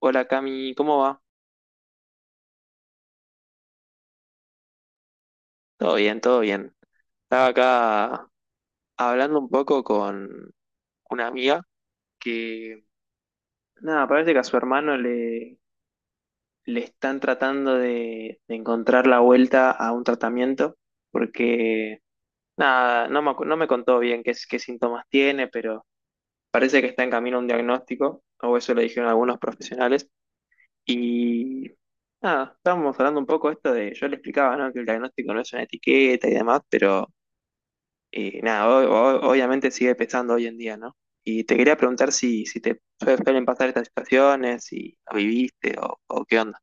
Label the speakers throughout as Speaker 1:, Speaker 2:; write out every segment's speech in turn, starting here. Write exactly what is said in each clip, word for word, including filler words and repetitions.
Speaker 1: Hola Cami, ¿cómo va? Todo bien, todo bien. Estaba acá hablando un poco con una amiga que, nada, parece que a su hermano le, le están tratando de, de encontrar la vuelta a un tratamiento, porque, nada, no me, acu- no me contó bien qué, s- qué síntomas tiene, pero parece que está en camino a un diagnóstico, o eso le dijeron algunos profesionales. Y, nada, estábamos hablando un poco esto de, yo le explicaba, ¿no? Que el diagnóstico no es una etiqueta y demás, pero... Y nada, o- o- obviamente sigue pesando hoy en día, ¿no? Y te quería preguntar si, si te su- suelen pasar estas situaciones, si lo viviste o, o qué onda.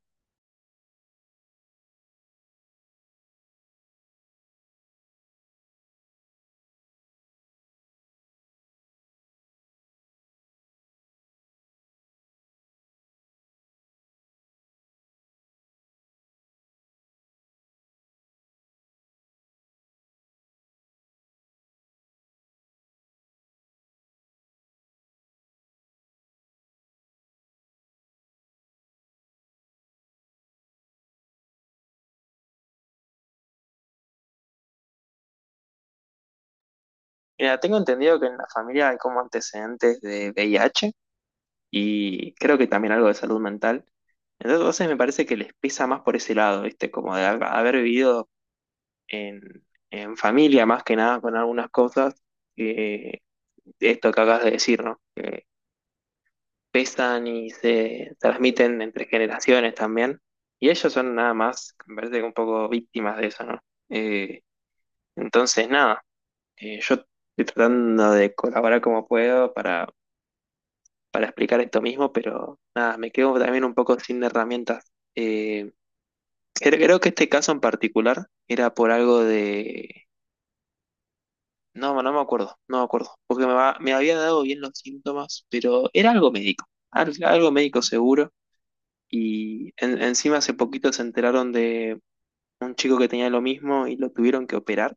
Speaker 1: Mira, tengo entendido que en la familia hay como antecedentes de V i h y creo que también algo de salud mental. Entonces me parece que les pesa más por ese lado, ¿viste? Como de hab- haber vivido en, en familia más que nada con algunas cosas, eh, esto que acabas de decir, ¿no? Pesan y se transmiten entre generaciones también. Y ellos son nada más, me parece que un poco víctimas de eso, ¿no? Eh, entonces, nada, eh, yo estoy tratando de colaborar como puedo para, para explicar esto mismo, pero nada, me quedo también un poco sin herramientas. Eh, cre- Creo que este caso en particular era por algo de... No, no me acuerdo, no me acuerdo, porque me, va- me había dado bien los síntomas, pero era algo médico, al- algo médico seguro. Y en- encima hace poquito se enteraron de un chico que tenía lo mismo y lo tuvieron que operar.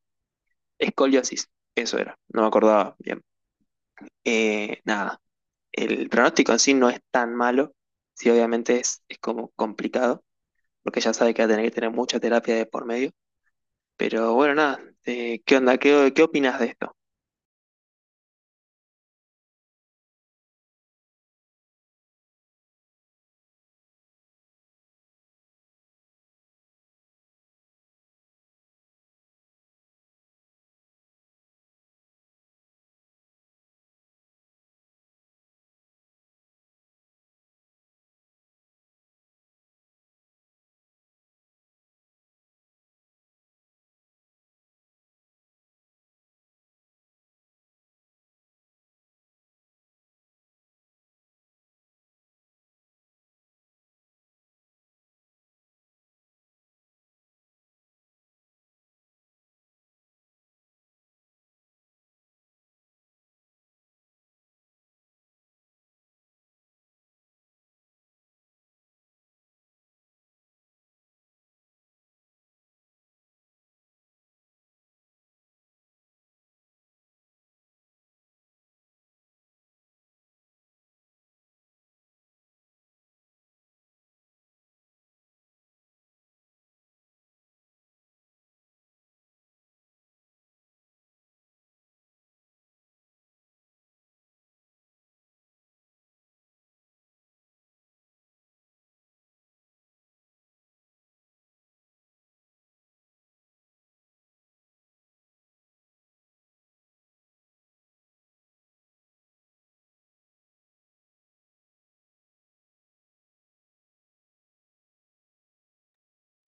Speaker 1: Escoliosis, eso era, no me acordaba bien. Eh, nada, el pronóstico en sí no es tan malo, sí obviamente es, es como complicado, porque ya sabe que va a tener que tener mucha terapia de por medio. Pero bueno, nada, eh, ¿qué onda? ¿Qué, qué opinas de esto?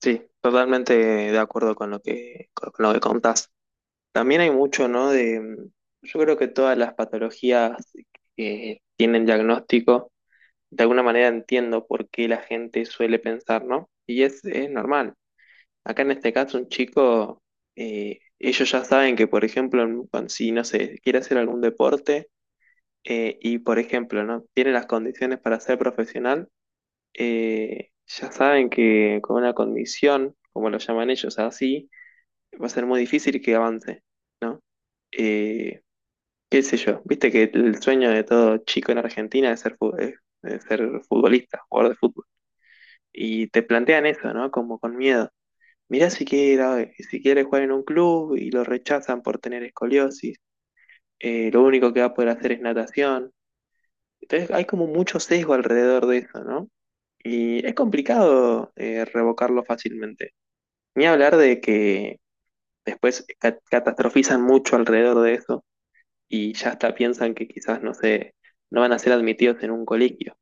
Speaker 1: Sí, totalmente de acuerdo con lo que, con lo que contás. También hay mucho, ¿no? De, yo creo que todas las patologías que tienen diagnóstico, de alguna manera entiendo por qué la gente suele pensar, ¿no? Y es, es normal. Acá en este caso, un chico, eh, ellos ya saben que, por ejemplo, en- cuando- si, no sé, quiere hacer algún deporte eh, y, por ejemplo, no tiene las condiciones para ser profesional, eh, ya saben que con una condición, como lo llaman ellos así, va a ser muy difícil que avance, ¿no? Eh, Qué sé yo, viste que el sueño de todo chico en Argentina es ser, fu- es es ser futbolista, jugador de fútbol. Y te plantean eso, ¿no? Como con miedo. Mirá si quiere, si quiere jugar en un club y lo rechazan por tener escoliosis, eh, lo único que va a poder hacer es natación. Entonces hay como mucho sesgo alrededor de eso, ¿no? Y es complicado eh, revocarlo fácilmente. Ni hablar de que después ca- catastrofizan mucho alrededor de eso y ya hasta piensan que quizás, no sé, no van a ser admitidos en un colegio.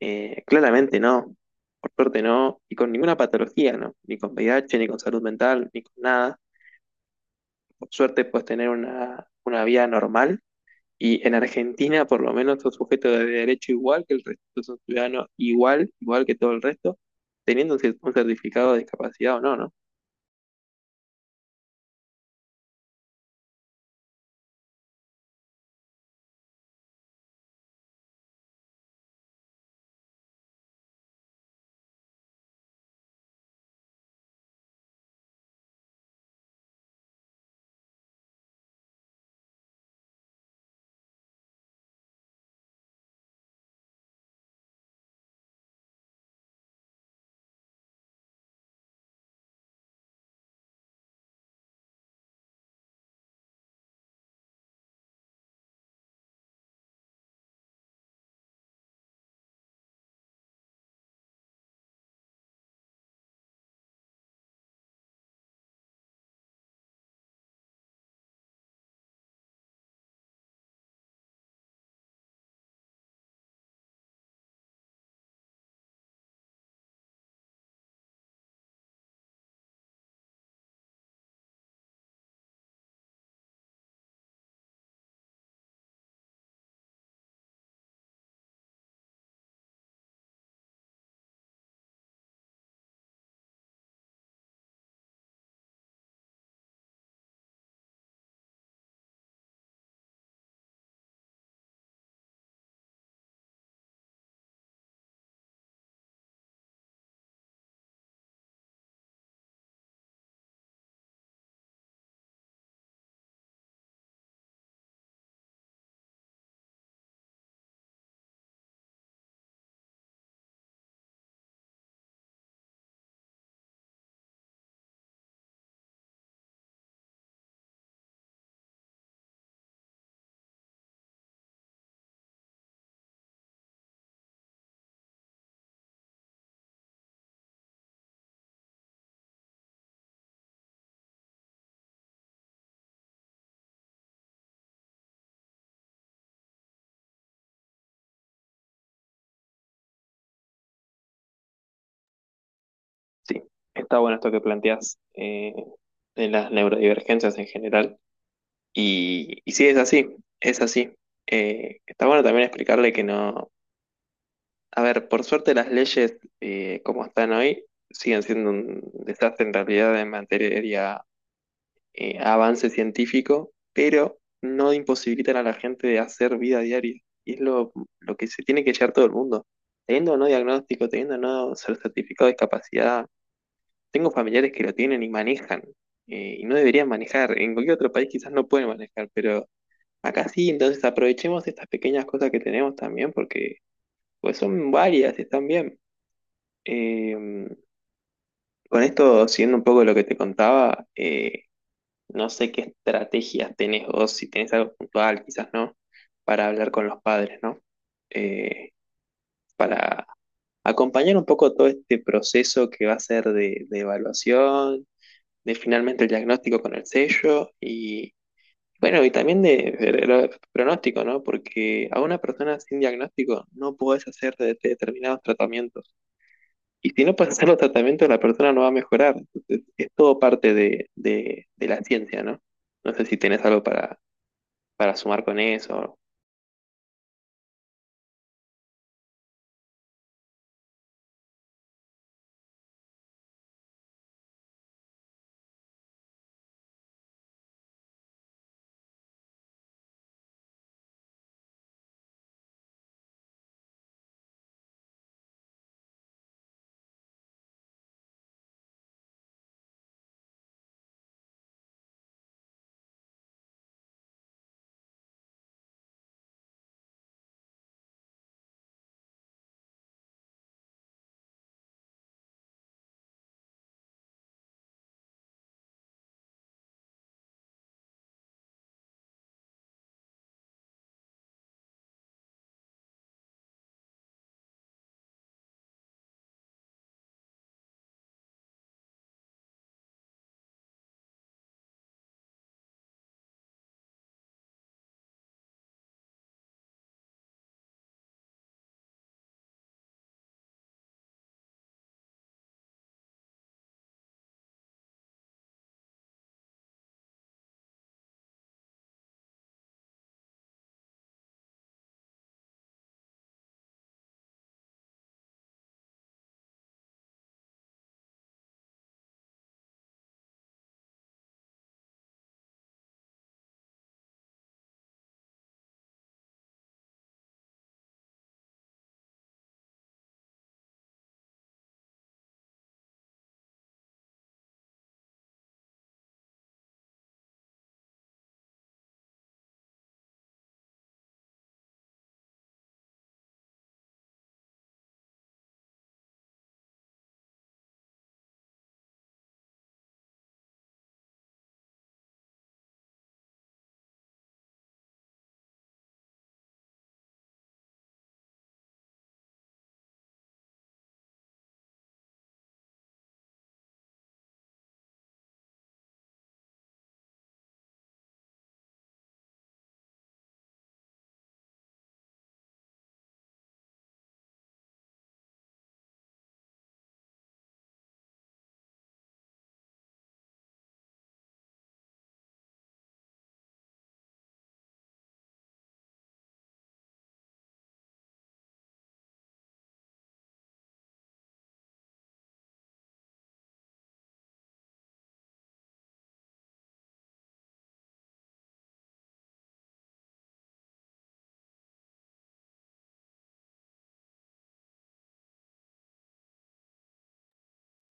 Speaker 1: Eh, claramente no, por suerte no, y con ninguna patología, ¿no? Ni con V I H, ni con salud mental, ni con nada. Por suerte puedes tener una, una vida normal y en Argentina por lo menos sos sujeto de derecho igual que el resto, sos un ciudadano igual, igual que todo el resto, teniendo un cer- un certificado de discapacidad o no, ¿no? Sí, está bueno esto que planteas eh, de las neurodivergencias en general. Y, y sí, es así, es así. Eh, está bueno también explicarle que no. A ver, por suerte las leyes eh, como están hoy siguen siendo un desastre en realidad en materia de avance científico, pero no imposibilitan a la gente de hacer vida diaria. Y es lo, lo que se tiene que llevar todo el mundo. Teniendo o no diagnóstico, teniendo o no ser certificado de discapacidad, tengo familiares que lo tienen y manejan, eh, y no deberían manejar. En cualquier otro país quizás no pueden manejar, pero acá sí, entonces aprovechemos estas pequeñas cosas que tenemos también porque pues son varias, están bien. Eh, con esto, siguiendo un poco lo que te contaba, eh, no sé qué estrategias tenés vos, si tenés algo puntual, quizás no, para hablar con los padres, ¿no? Eh, Acompañar un poco todo este proceso que va a ser de, de evaluación, de finalmente el diagnóstico con el sello y, bueno, y también de, de- de pronóstico, ¿no? Porque a una persona sin diagnóstico no podés hacer de- determinados tratamientos. Y si no pasan los tratamientos, la persona no va a mejorar. Entonces, es todo parte de, de- de la ciencia, ¿no? No sé si tenés algo para, para sumar con eso.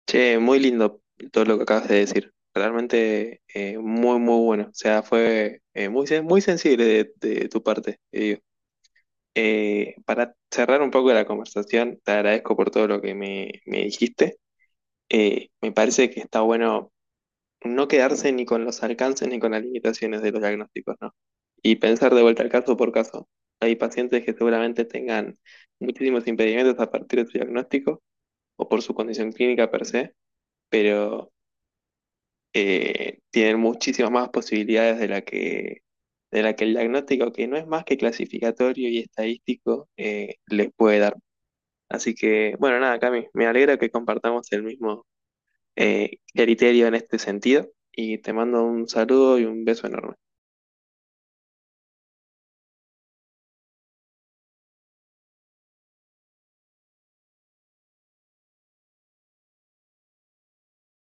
Speaker 1: Che, muy lindo todo lo que acabas de decir. Realmente eh, muy, muy bueno. O sea, fue eh, muy, sen- muy sensible de, de tu parte, te digo. Eh, para cerrar un poco la conversación, te agradezco por todo lo que me, me dijiste. Eh, me parece que está bueno no quedarse ni con los alcances ni con las limitaciones de los diagnósticos, ¿no? Y pensar de vuelta al caso por caso. Hay pacientes que seguramente tengan muchísimos impedimentos a partir de su diagnóstico o por su condición clínica per se, pero eh, tienen muchísimas más posibilidades de la que, de la que el diagnóstico, que no es más que clasificatorio y estadístico, eh, les puede dar. Así que, bueno, nada, Cami, me alegra que compartamos el mismo eh, criterio en este sentido. Y te mando un saludo y un beso enorme.